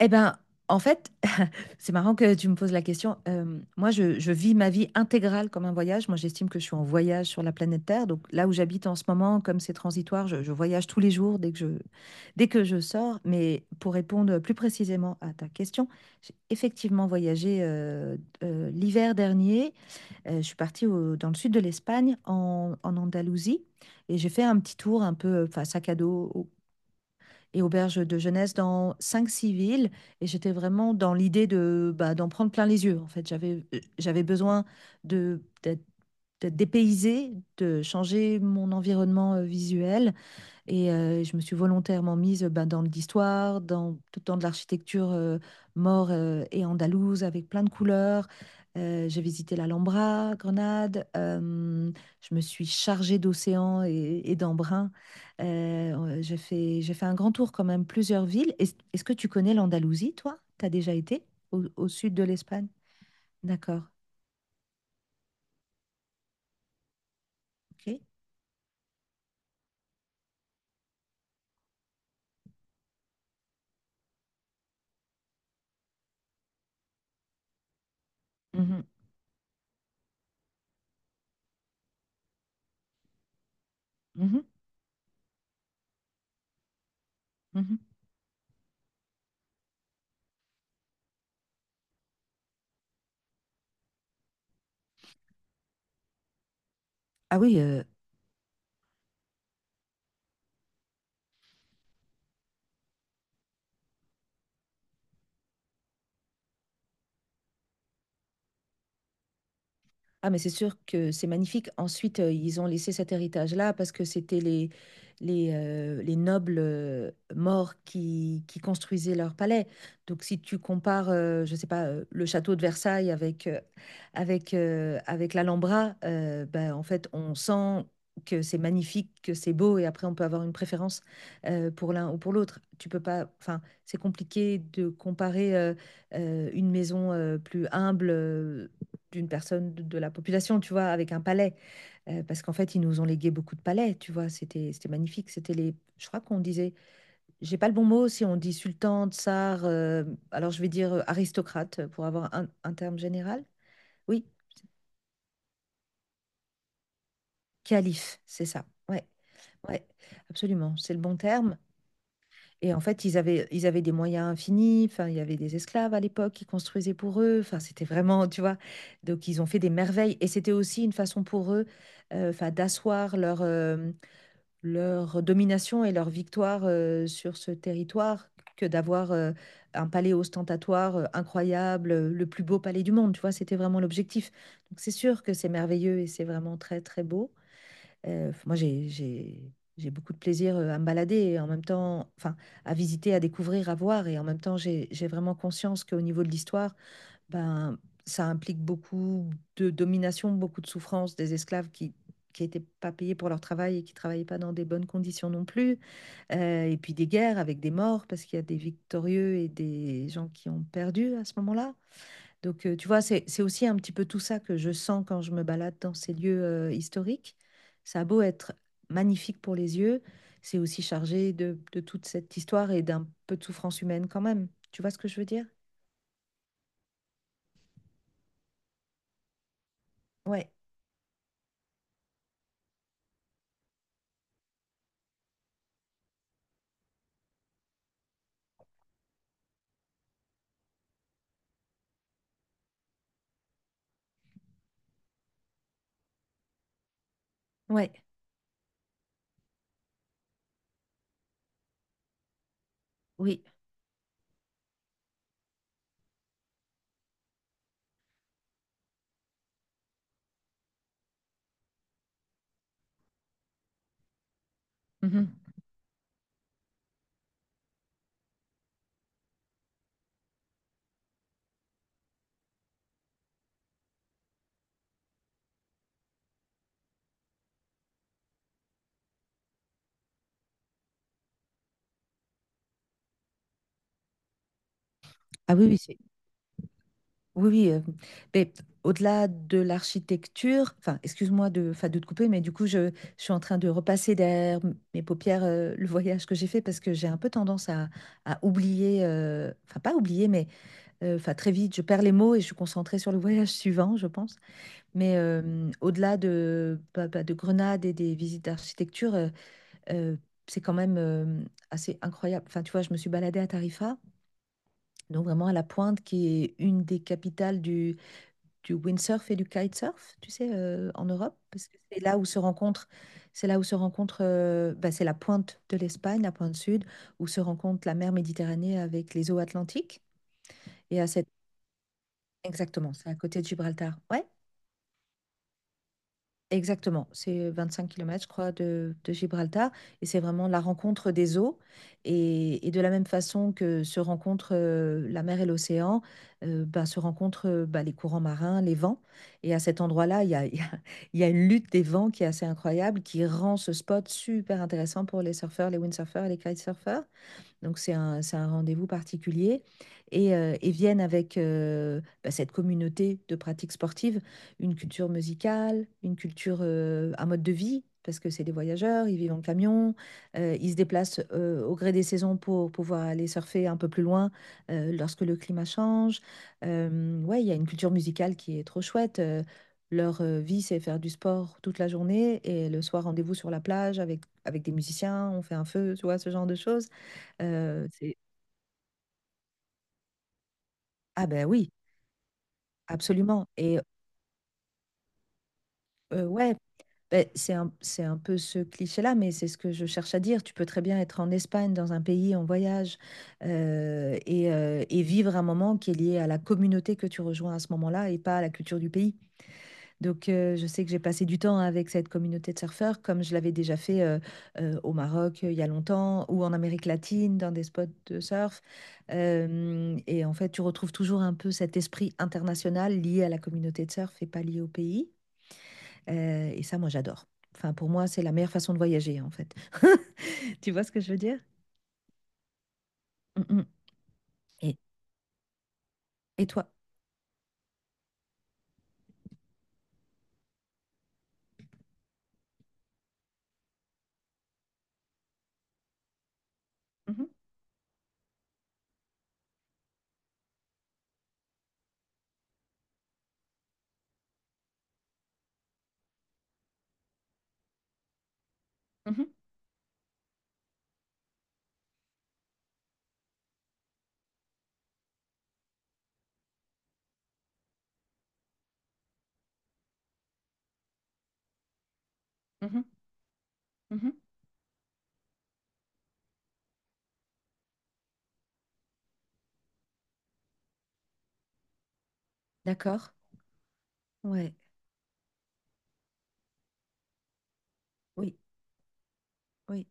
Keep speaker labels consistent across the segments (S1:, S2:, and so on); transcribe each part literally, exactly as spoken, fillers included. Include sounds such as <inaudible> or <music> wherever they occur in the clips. S1: Eh ben, en fait, <laughs> c'est marrant que tu me poses la question. Euh, moi, je, je vis ma vie intégrale comme un voyage. Moi, j'estime que je suis en voyage sur la planète Terre. Donc là où j'habite en ce moment, comme c'est transitoire, je, je voyage tous les jours dès que je, dès que je sors. Mais pour répondre plus précisément à ta question, j'ai effectivement voyagé euh, euh, l'hiver dernier. Euh, je suis partie au- dans le sud de l'Espagne, en, en Andalousie, et j'ai fait un petit tour un peu, euh, enfin, sac à dos, et auberge de jeunesse dans cinq six villes. Et j'étais vraiment dans l'idée de, bah, d'en prendre plein les yeux. En fait, j'avais, euh, j'avais besoin de, d'être, d'être dépaysée, de changer mon environnement euh, visuel, et euh, je me suis volontairement mise, ben, dans de l'histoire, dans, dans de l'architecture euh, maure euh, et andalouse, avec plein de couleurs. Euh, j'ai visité l'Alhambra, Grenade. Euh, je me suis chargée d'océan et, et d'embrun. Euh, j'ai fait, j'ai fait un grand tour quand même, plusieurs villes. Est- Est-ce que tu connais l'Andalousie, toi? Tu as déjà été au, au sud de l'Espagne? D'accord. Ok. Mhm, mhm, mhm. Ah oui, euh, Ah, mais c'est sûr que c'est magnifique. Ensuite, euh, ils ont laissé cet héritage-là, parce que c'était les, les, euh, les nobles euh, morts qui, qui construisaient leur palais. Donc, si tu compares, euh, je sais pas, euh, le château de Versailles avec, euh, avec, euh, avec l'Alhambra, euh, ben, en fait, on sent que c'est magnifique, que c'est beau, et après, on peut avoir une préférence euh, pour l'un ou pour l'autre. Tu peux pas, enfin, c'est compliqué de comparer euh, euh, une maison euh, plus humble. euh, d'une personne de de la population, tu vois, avec un palais. Heu, parce qu'en fait, ils nous ont légué beaucoup de palais, tu vois? C'était c'était magnifique. C'était les Je crois qu'on disait, j'ai pas le bon mot, si on dit sultan, tsar, heu, alors je vais dire heu, aristocrate pour avoir un un terme général. Oui, calife, c'est ça. Ouais, ouais, absolument, c'est le bon terme. Et en fait, ils avaient ils avaient des moyens infinis, enfin, il y avait des esclaves à l'époque qui construisaient pour eux, enfin, c'était vraiment, tu vois? Donc ils ont fait des merveilles, et c'était aussi une façon pour eux, heu, enfin, d'asseoir leur, hem, leur domination et leur victoire euh, sur ce territoire que d'avoir euh, un palais ostentatoire euh, incroyable, euh, le plus beau palais du monde, tu vois, c'était vraiment l'objectif. Donc c'est sûr que c'est merveilleux, et c'est vraiment très très beau. Euh, moi, j'ai j'ai j'ai beaucoup de plaisir euh, à me balader, et en même temps, enfin, à visiter, à découvrir, à voir, et en même temps j'ai j'ai vraiment conscience qu'au niveau de l'histoire, ben, ça implique beaucoup de domination, beaucoup de souffrance des esclaves qui qui n'étaient pas payés pour leur travail, et qui travaillaient pas dans des bonnes conditions non plus. Euh, et puis des guerres avec des morts, parce qu'il y a des victorieux et des gens qui ont perdu à ce moment-là. Donc euh, tu vois, c'est, c'est aussi un petit peu tout ça que je sens quand je me balade dans ces lieux euh, historiques. Ça a beau être magnifique pour les yeux, c'est aussi chargé de, de toute cette histoire, et d'un peu de souffrance humaine quand même. Tu vois ce que je veux dire? Ouais, ouais, oui. Mhm. Ah oui, oui, c'est- oui, oui. Euh, mais au-delà de l'architecture, enfin, excuse-moi de, enfin, de te couper, mais du coup, je, je suis en train de repasser derrière m- mes paupières euh, le voyage que j'ai fait, parce que j'ai un peu tendance à, à oublier, euh, enfin, pas oublier, mais euh, enfin, très vite, je perds les mots, et je suis concentrée sur le voyage <laughs> suivant, je pense. Mais euh, au-delà de, bah, bah, de Grenade, et des visites d'architecture, euh, euh, c'est quand même euh, assez incroyable. Enfin, tu vois, je me suis baladée à Tarifa, donc vraiment à la pointe, qui est une des capitales du du windsurf et du kitesurf, tu sais, euh, en Europe, parce que c'est là où se rencontrent, c'est là où se rencontre, euh, bah, c'est la pointe de l'Espagne, la pointe sud, où se rencontre la mer Méditerranée avec les eaux atlantiques. Et à cette, Exactement, c'est à côté de Gibraltar. Ouais. Exactement, c'est 25 kilomètres, je crois, de, de Gibraltar. Et c'est vraiment la rencontre des eaux. Et, et de la même façon que se rencontrent euh, la mer et l'océan, euh, ben, se rencontrent euh, ben, les courants marins, les vents. Et à cet endroit-là, il y a, il y a- <laughs> il y a une lutte des vents qui est assez incroyable, qui rend ce spot super intéressant pour les surfeurs, les windsurfers et les kitesurfers. Donc c'est un, c'est un rendez-vous particulier. Et, euh, et viennent avec euh, bah, cette communauté de pratiques sportives, une culture musicale, une culture, euh, un mode de vie, parce que c'est des voyageurs, ils vivent en camion, euh, ils se déplacent euh, au gré des saisons pour pouvoir aller surfer un peu plus loin euh, lorsque le climat change. Euh, ouais, il y a une culture musicale qui est trop chouette. Euh, leur euh, vie, c'est faire du sport toute la journée, et le soir, rendez-vous sur la plage avec, avec des musiciens, on fait un feu, tu vois, ce genre de choses. Euh, c'est- ah ben oui, absolument. Et euh, ouais, ben, c'est un, c'est un peu ce cliché-là, mais c'est ce que je cherche à dire. Tu peux très bien être en Espagne, dans un pays en voyage, euh, et, euh, et vivre un moment qui est lié à la communauté que tu rejoins à ce moment-là, et pas à la culture du pays. Donc, euh, je sais que j'ai passé du temps avec cette communauté de surfeurs, comme je l'avais déjà fait euh, euh, au Maroc euh, il y a longtemps, ou en Amérique latine, dans des spots de surf. Euh, et en fait, tu retrouves toujours un peu cet esprit international lié à la communauté de surf, et pas lié au pays. Euh, et ça, moi, j'adore. Enfin, pour moi, c'est la meilleure façon de voyager, en fait. <laughs> Tu vois ce que je veux dire? Mm, mm. Et, et toi? Mhm, mhm, mhm, mhm. D'accord? Ouais, oui, oui.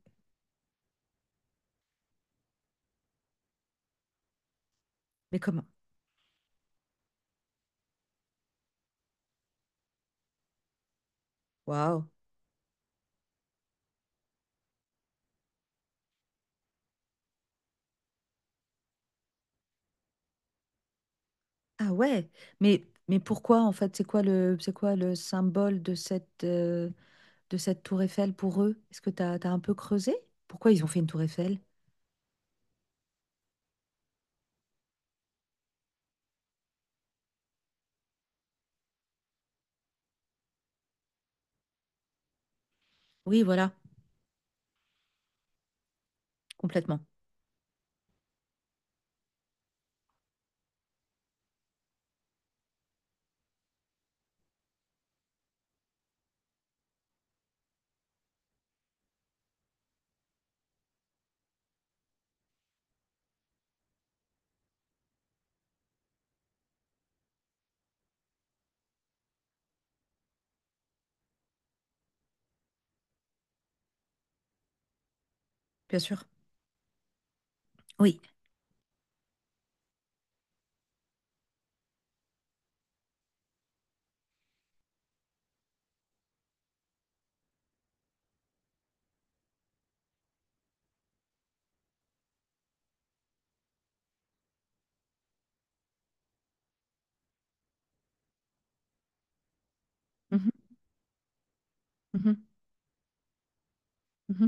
S1: Mais comment? Waouh! Ah ouais, mais, mais pourquoi en fait, c'est quoi le, c'est quoi le symbole de cette, euh, de cette tour Eiffel pour eux? Est-ce que t'as, t'as un peu creusé? Pourquoi ils ont fait une tour Eiffel? Oui, voilà, complètement, bien sûr. Oui. Mhm, mhm, mhm.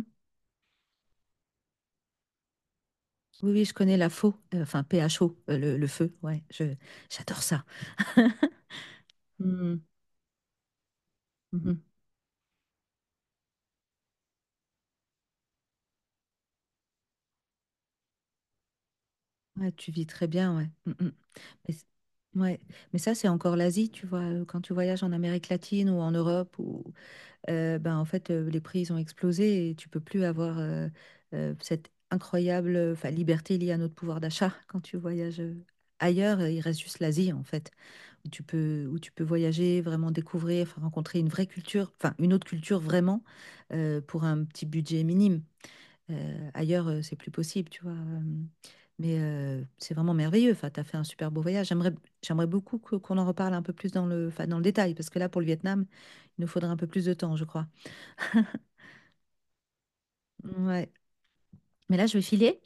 S1: Oui, oui, je connais la faux, euh, enfin P H O, euh, le, le feu, ouais, je, j'adore ça. <laughs> Mhm, mhm. Ouais, tu vis très bien, ouais. Mhm. Mais, c- ouais. Mais ça, c'est encore l'Asie, tu vois, euh, quand tu voyages en Amérique latine ou en Europe, ou euh, ben, en fait, euh, les prix, ils ont explosé, et tu peux plus avoir euh, euh, cette incroyable euh, enfin, liberté liée à notre pouvoir d'achat quand tu voyages euh, ailleurs. euh, Il reste juste l'Asie, en fait, où tu peux, où tu peux voyager, vraiment découvrir, enfin, rencontrer une vraie culture, enfin, une autre culture vraiment, euh, pour un petit budget minime. Euh, ailleurs, euh, c'est plus possible, tu vois. euh, Mais euh, c'est vraiment merveilleux. Enfin, tu as fait un super beau voyage. J'aimerais, j'aimerais beaucoup que- qu'on en reparle un peu plus dans le, enfin, dans le détail, parce que là, pour le Vietnam, il nous faudrait un peu plus de temps, je crois. Ouais. Mais là, je vais filer.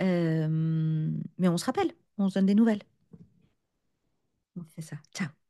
S1: Euh, mais on se rappelle, on se donne des nouvelles. On fait ça. Ciao.